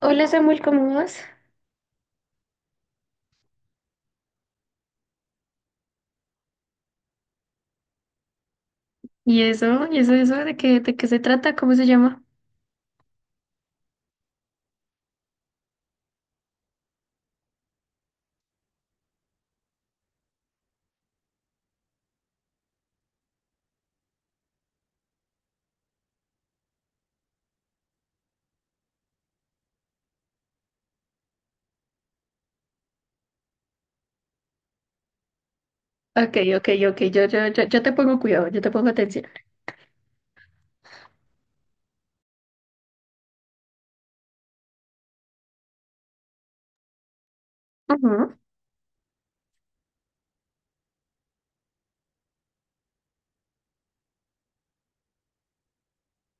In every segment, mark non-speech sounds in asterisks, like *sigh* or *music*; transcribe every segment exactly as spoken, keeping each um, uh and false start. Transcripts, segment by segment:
Hola Samuel, ¿cómo vas? ¿Y eso? ¿Y eso, eso de qué, de qué se trata? ¿Cómo se llama? Ok, ok, ok, yo, yo, yo, yo te pongo cuidado, yo te pongo atención. Ujú,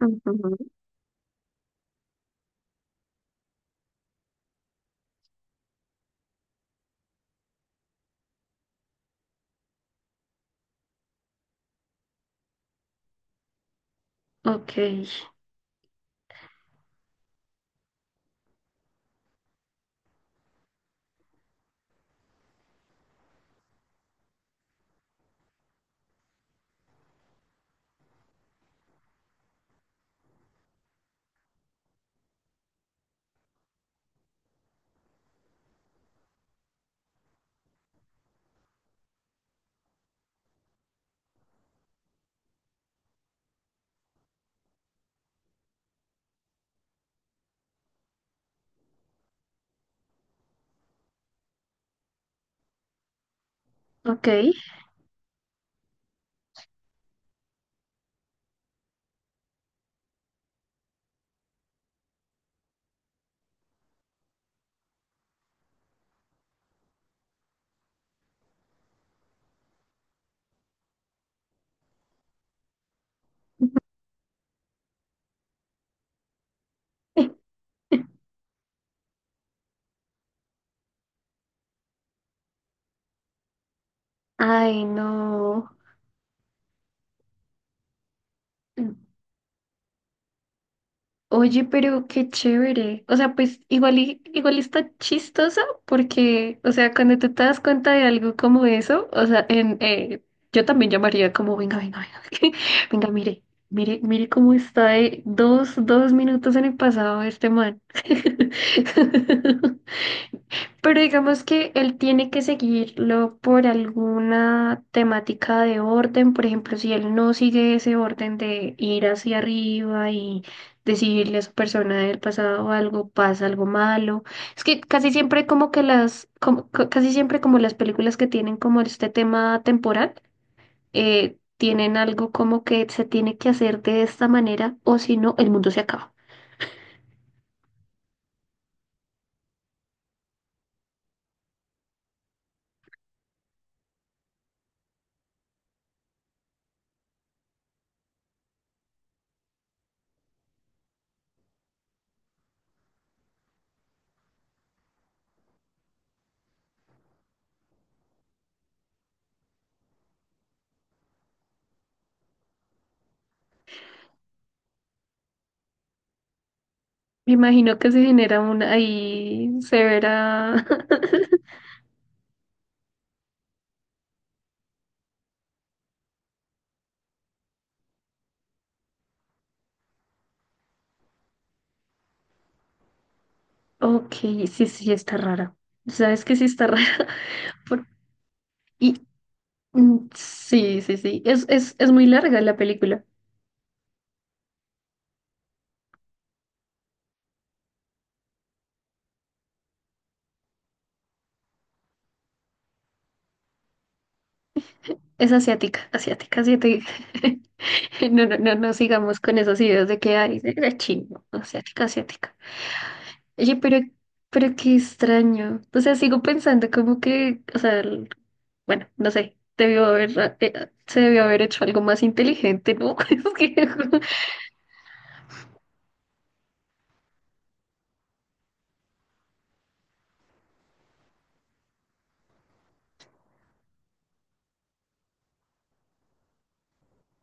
ujú, ok, ok. *laughs* Ay, no. Oye, pero qué chévere. O sea, pues igual, y- igual está chistosa porque, o sea, cuando tú te das cuenta de algo como eso, o sea, en, eh, yo también llamaría como, venga, venga, venga, *laughs* venga, mire, mire, mire cómo está de dos, dos minutos en el pasado este man. *laughs* Pero digamos que él tiene que seguirlo por alguna temática de orden, por ejemplo, si él no sigue ese orden de ir hacia arriba y decirle a su persona del pasado algo, pasa algo malo. Es que casi siempre como que las, como- ca- casi siempre como las películas que tienen como este tema temporal, eh, tienen algo como que se tiene que hacer de esta manera o si no, el mundo se acaba. Me imagino que se genera una ahí severa. *laughs* Ok, sí, sí, está rara. Sabes que sí está rara. *laughs* por- Y mm, sí, sí, sí. Es, es, es muy larga la película. Es asiática, asiática, asiática. *laughs* No, no, no, no sigamos con esos ideas de que hay de chingo, asiática, asiática. Oye, pero, pero qué extraño. O sea, sigo pensando como que, o sea, el- bueno, no sé, debió haber, eh, se debió haber hecho algo más inteligente, ¿no? *laughs* Es que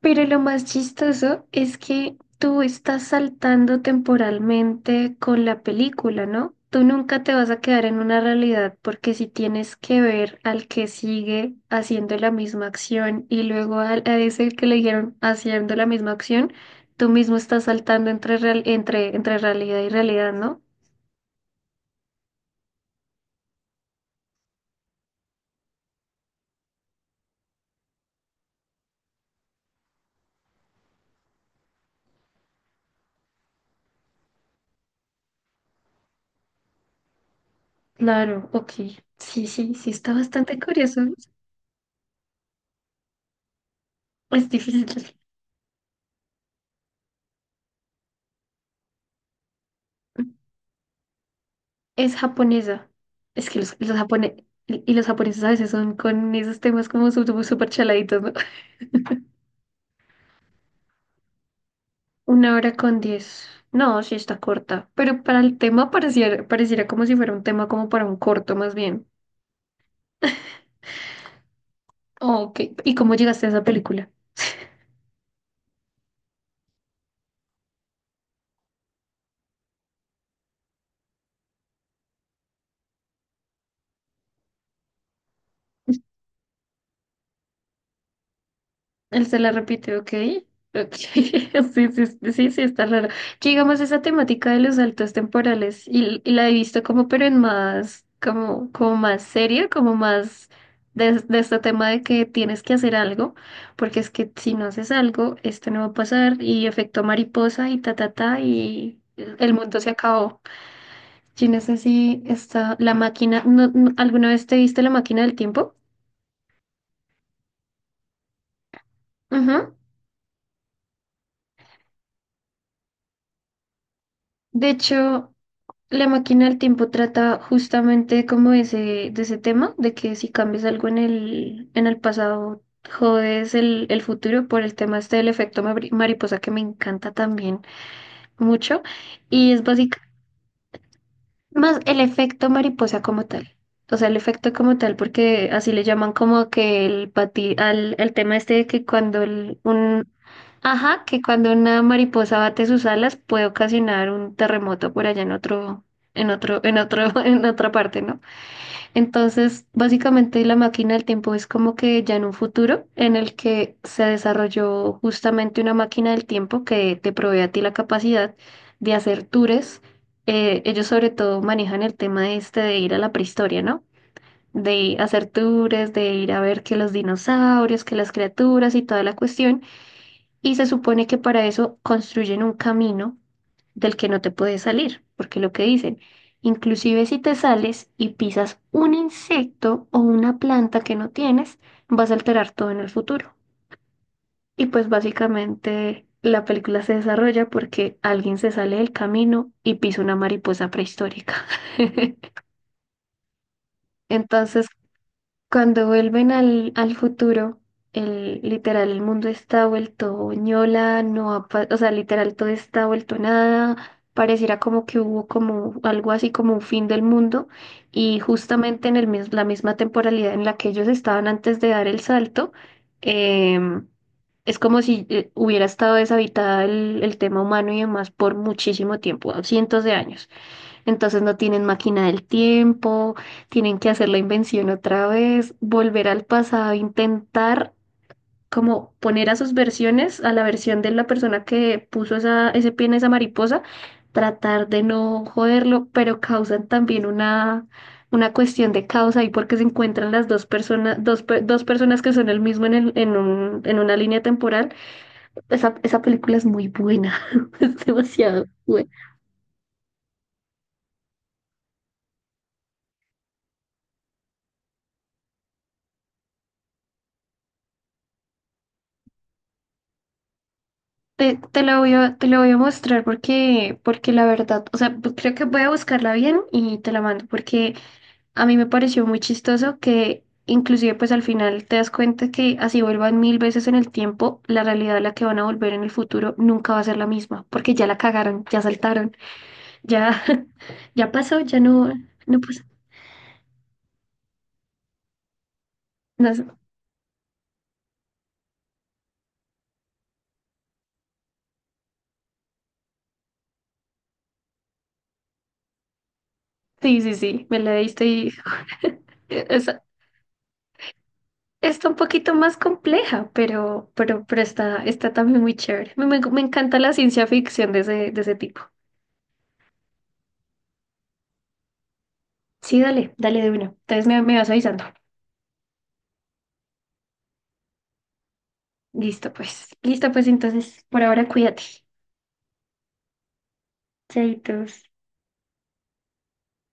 pero lo más chistoso es que tú estás saltando temporalmente con la película, ¿no? Tú nunca te vas a quedar en una realidad porque si tienes que ver al que sigue haciendo la misma acción y luego al- a ese que le dijeron haciendo la misma acción, tú mismo estás saltando entre, real- entre, entre realidad y realidad, ¿no? Claro, ok. Sí, sí, sí, está bastante curioso. Es difícil. Es japonesa. Es que los, los japone- y y los japoneses a veces son con esos temas como súper súper chaladitos, ¿no? *laughs* Una hora con diez. No, sí está corta. Pero para el tema pareciera, pareciera como si fuera un tema como para un corto más bien. Ok, ¿y cómo llegaste a esa película? Él se la repite, ok. Ok, *laughs* sí, sí, sí, sí, sí, está raro. Que digamos esa temática de los saltos temporales y, y la he visto como, pero en más, como, como más seria, como más de, de este tema de que tienes que hacer algo, porque es que si no haces algo, esto no va a pasar y efecto mariposa y ta, ta, ta, y el mundo se acabó. Yo no sé si está la máquina, no, no- ¿alguna vez te viste la máquina del tiempo? Ujú. De hecho, la máquina del tiempo trata justamente como de ese, de ese tema, de que si cambias algo en el, en el pasado, jodes el, el futuro por el tema este del efecto mabri- mariposa que me encanta también mucho. Y es más el efecto mariposa como tal. O sea, el efecto como tal, porque así le llaman como que el pati, al, el tema este de que cuando el- un, ajá, que cuando una mariposa bate sus alas puede ocasionar un terremoto por allá en otro, en otro, en otro, *laughs* en otra parte, ¿no? Entonces, básicamente la máquina del tiempo es como que ya en un futuro en el que se desarrolló justamente una máquina del tiempo que te provee a ti la capacidad de hacer tours. Eh, ellos sobre todo manejan el tema este de ir a la prehistoria, ¿no? De hacer tours, de ir a ver que los dinosaurios, que las criaturas y toda la cuestión. Y se supone que para eso construyen un camino del que no te puedes salir, porque lo que dicen, inclusive si te sales y pisas un insecto o una planta que no tienes, vas a alterar todo en el futuro. Y pues básicamente la película se desarrolla porque alguien se sale del camino y pisa una mariposa prehistórica. *laughs* Entonces, cuando vuelven al, al futuro, el, literal, el mundo está vuelto ñola, no ha pa- o sea, literal, todo está vuelto nada, pareciera como que hubo como algo así como un fin del mundo, y justamente en el, mis- la misma temporalidad en la que ellos estaban antes de dar el salto, em, es como si eh, hubiera estado deshabitada el, el tema humano y demás por muchísimo tiempo, cientos de años. Entonces no tienen máquina del tiempo, tienen que hacer la invención otra vez, volver al pasado, intentar como poner a sus versiones, a la versión de la persona que puso esa, ese pie en esa mariposa, tratar de no joderlo, pero causan también una, una cuestión de causa ahí porque se encuentran las dos personas, dos, pe- dos personas que son el mismo en, el- en, un- en una línea temporal. Esa, esa película es muy buena, *laughs* es demasiado buena. Te, te la voy a, te la voy a mostrar porque, porque la verdad, o sea, pues, creo que voy a buscarla bien y te la mando porque a mí me pareció muy chistoso que inclusive pues al final te das cuenta que así vuelvan mil veces en el tiempo, la realidad a la que van a volver en el futuro nunca va a ser la misma porque ya la cagaron, ya saltaron, ya, *laughs* ya pasó, ya no, no pasa. No sé. Sí, sí, sí, me la diste y *laughs* es está un poquito más compleja, pero, pero, pero está, está también muy chévere. Me, me- me encanta la ciencia ficción de ese, de ese tipo. Sí, dale, dale de una. Entonces me, me vas avisando. Listo, pues. Listo, pues entonces, por ahora cuídate. Chaitos.